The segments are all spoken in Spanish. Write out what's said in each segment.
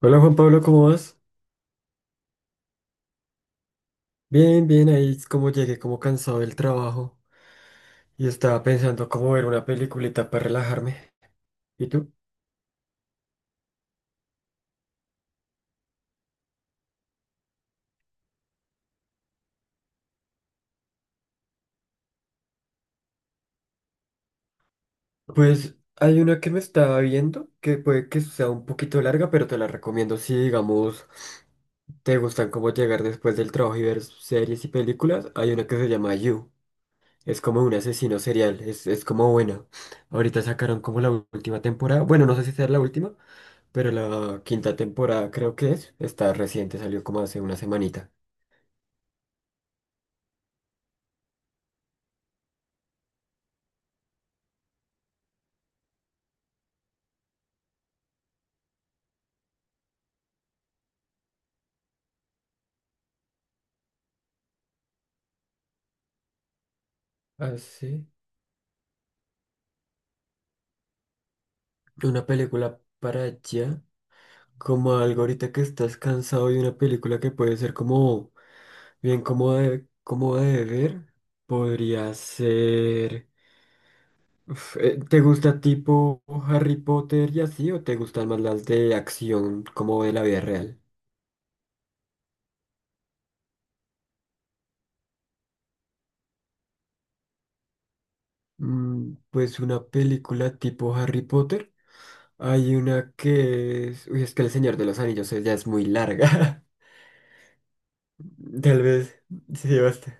Hola Juan Pablo, ¿cómo vas? Bien, bien, ahí es como llegué como cansado del trabajo y estaba pensando cómo ver una peliculita para relajarme. ¿Y tú? Pues hay una que me estaba viendo que puede que sea un poquito larga, pero te la recomiendo si, digamos, te gustan como llegar después del trabajo y ver series y películas. Hay una que se llama You. Es como un asesino serial, es como buena. Ahorita sacaron como la última temporada. Bueno, no sé si sea la última, pero la quinta temporada creo que es, está reciente, salió como hace una semanita. Así. Una película para allá, como algo ahorita que estás cansado y una película que puede ser como bien cómoda de ver, podría ser... ¿Te gusta tipo Harry Potter y así o te gustan más las de acción como de la vida real? Mm, pues una película tipo Harry Potter. Hay una que es... Uy, es que El Señor de los Anillos ya es muy larga. Tal vez. Sí, basta.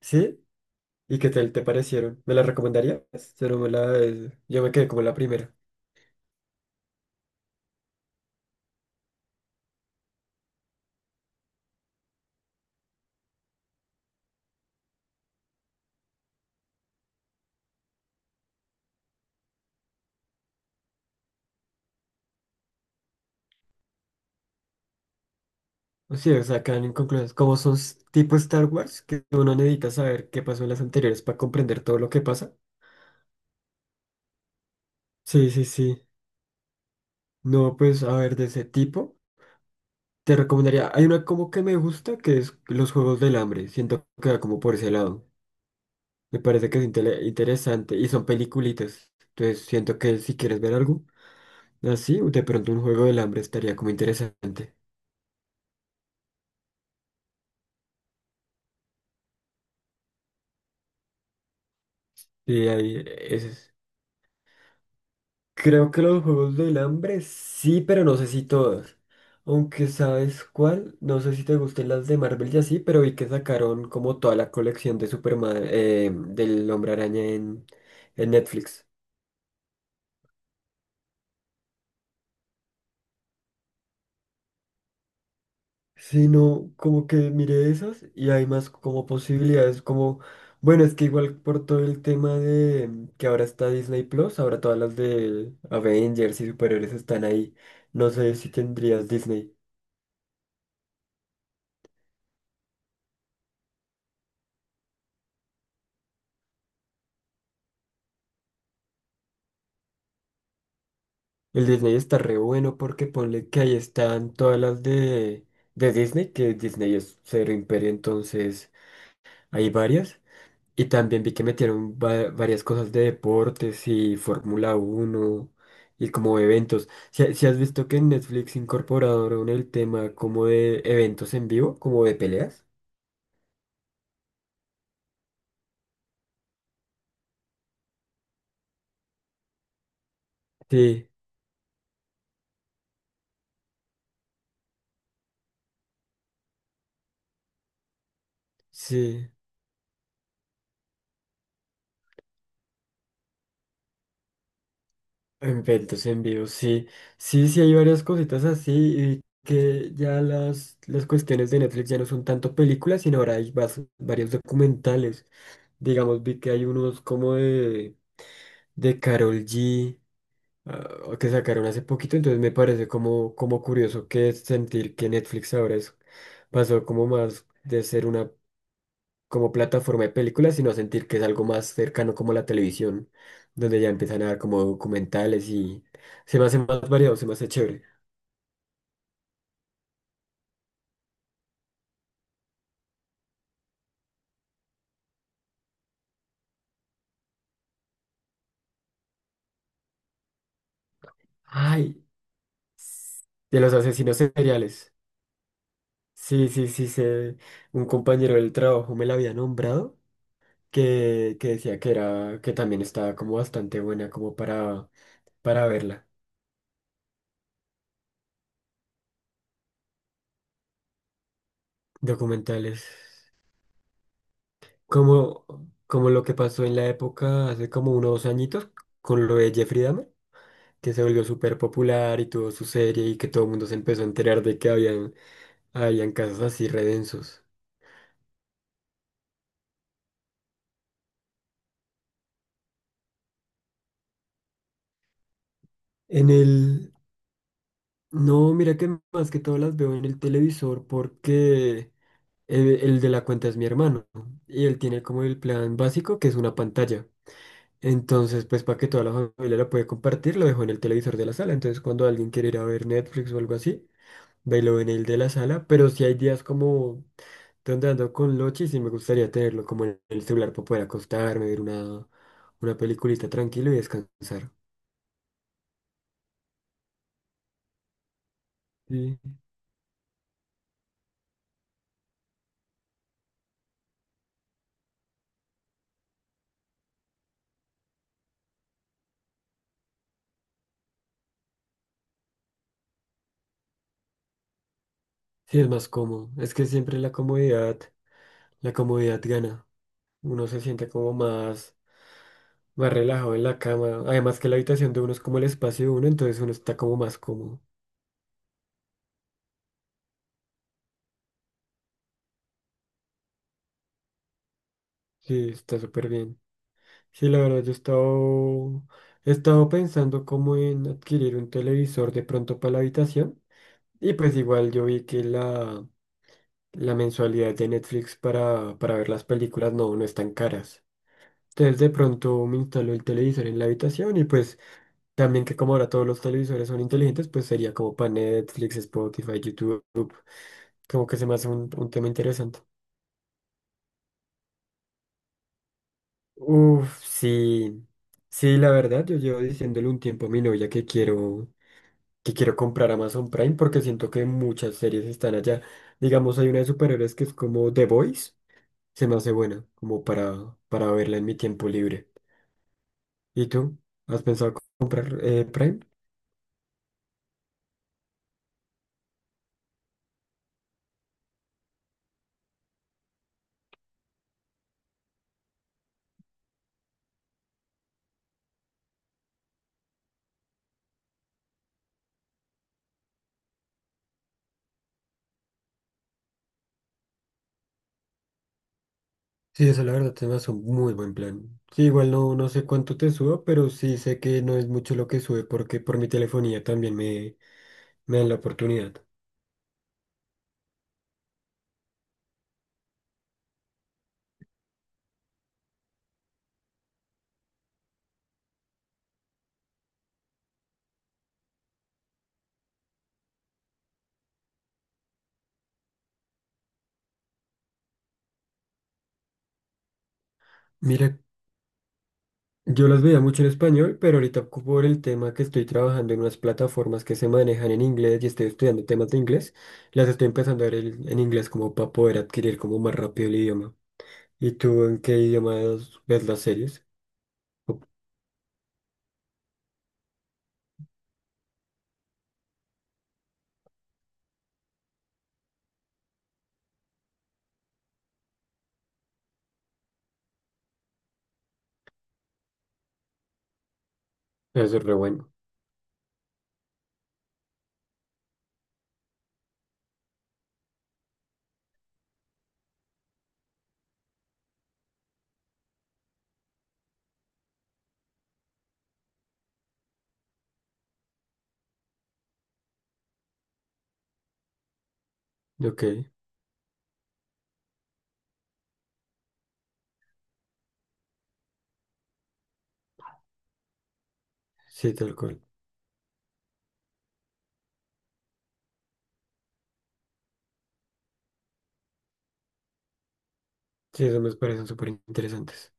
¿Sí? ¿Y qué tal te parecieron? ¿Me la recomendarías? Yo no me la... Yo me quedé como la primera. O sea, quedan inconclusas. Como son tipo Star Wars, que uno necesita saber qué pasó en las anteriores para comprender todo lo que pasa. Sí, sí, sí. No, pues, a ver, de ese tipo, te recomendaría... Hay una como que me gusta, que es Los Juegos del Hambre. Siento que va como por ese lado. Me parece que es interesante y son peliculitas. Entonces siento que si quieres ver algo así, de pronto un juego del hambre estaría como interesante. Sí, ahí ese es. Creo que los juegos del hambre sí, pero no sé si todos. Aunque sabes cuál, no sé si te gusten las de Marvel y así, pero vi que sacaron como toda la colección de Superman, del Hombre Araña en Netflix. Sino como que miré esas y hay más como posibilidades, como, bueno, es que igual por todo el tema de que ahora está Disney Plus, ahora todas las de Avengers y superiores están ahí, no sé si tendrías Disney. El Disney está re bueno porque ponle que ahí están todas las de Disney, que Disney es cero imperio, entonces hay varias. Y también vi que metieron varias cosas de deportes y Fórmula uno y como eventos. Si, si has visto que en Netflix incorporaron el tema como de eventos en vivo, como de peleas. Sí, sí, eventos en vivo, sí. Sí, sí, hay varias cositas así y que ya las cuestiones de Netflix ya no son tanto películas, sino ahora hay varios documentales. Digamos, vi que hay unos como de Karol G, ah, que sacaron hace poquito, entonces me parece como, como curioso que sentir que Netflix ahora es, pasó como más de ser una como plataforma de películas, sino a sentir que es algo más cercano como la televisión, donde ya empiezan a dar como documentales y se me hace más variado, se me hace chévere. Ay, de los asesinos seriales. Sí, sí, sí, sé. Un compañero del trabajo me la había nombrado, que decía que era, que también estaba como bastante buena como para verla. Documentales. Como, como lo que pasó en la época hace como unos añitos con lo de Jeffrey Dahmer, que se volvió súper popular y tuvo su serie y que todo el mundo se empezó a enterar de que habían, habían casos así redensos. En el... No, mira que más que todo las veo en el televisor porque el de la cuenta es mi hermano y él tiene como el plan básico que es una pantalla. Entonces, pues para que toda la familia la puede compartir, lo dejo en el televisor de la sala. Entonces, cuando alguien quiere ir a ver Netflix o algo así, bailo en el de la sala, pero si hay días como donde ando con Lochi, sí me gustaría tenerlo como en el celular para poder acostarme, ver una peliculita tranquilo y descansar. Sí, sí es más cómodo. Es que siempre la comodidad gana. Uno se siente como más, más relajado en la cama. Además que la habitación de uno es como el espacio de uno, entonces uno está como más cómodo. Sí, está súper bien. Sí, la verdad, yo he estado pensando como en adquirir un televisor de pronto para la habitación. Y pues igual yo vi que la mensualidad de Netflix para ver las películas no, no es tan caras. Entonces de pronto me instaló el televisor en la habitación y pues también que como ahora todos los televisores son inteligentes, pues sería como para Netflix, Spotify, YouTube, como que se me hace un tema interesante. Uf, sí, sí, la verdad, yo llevo diciéndole un tiempo a mi novia que quiero comprar Amazon Prime porque siento que muchas series están allá. Digamos, hay una de superhéroes que es como The Voice. Se me hace buena, como para verla en mi tiempo libre. ¿Y tú? ¿Has pensado comprar Prime? Sí, eso la verdad se me hace un muy buen plan. Sí, igual no, no sé cuánto te suba, pero sí sé que no es mucho lo que sube porque por mi telefonía también me dan la oportunidad. Mira, yo las veía mucho en español, pero ahorita por el tema que estoy trabajando en unas plataformas que se manejan en inglés y estoy estudiando temas de inglés, las estoy empezando a ver en inglés como para poder adquirir como más rápido el idioma. ¿Y tú en qué idiomas ves las series? Eso es re bueno. Ok, sí, tal cual. Sí, eso me parecen súper interesantes.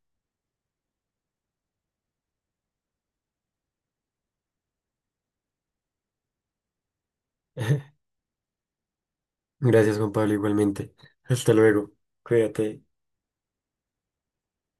Gracias, Juan Pablo, igualmente. Hasta luego. Cuídate.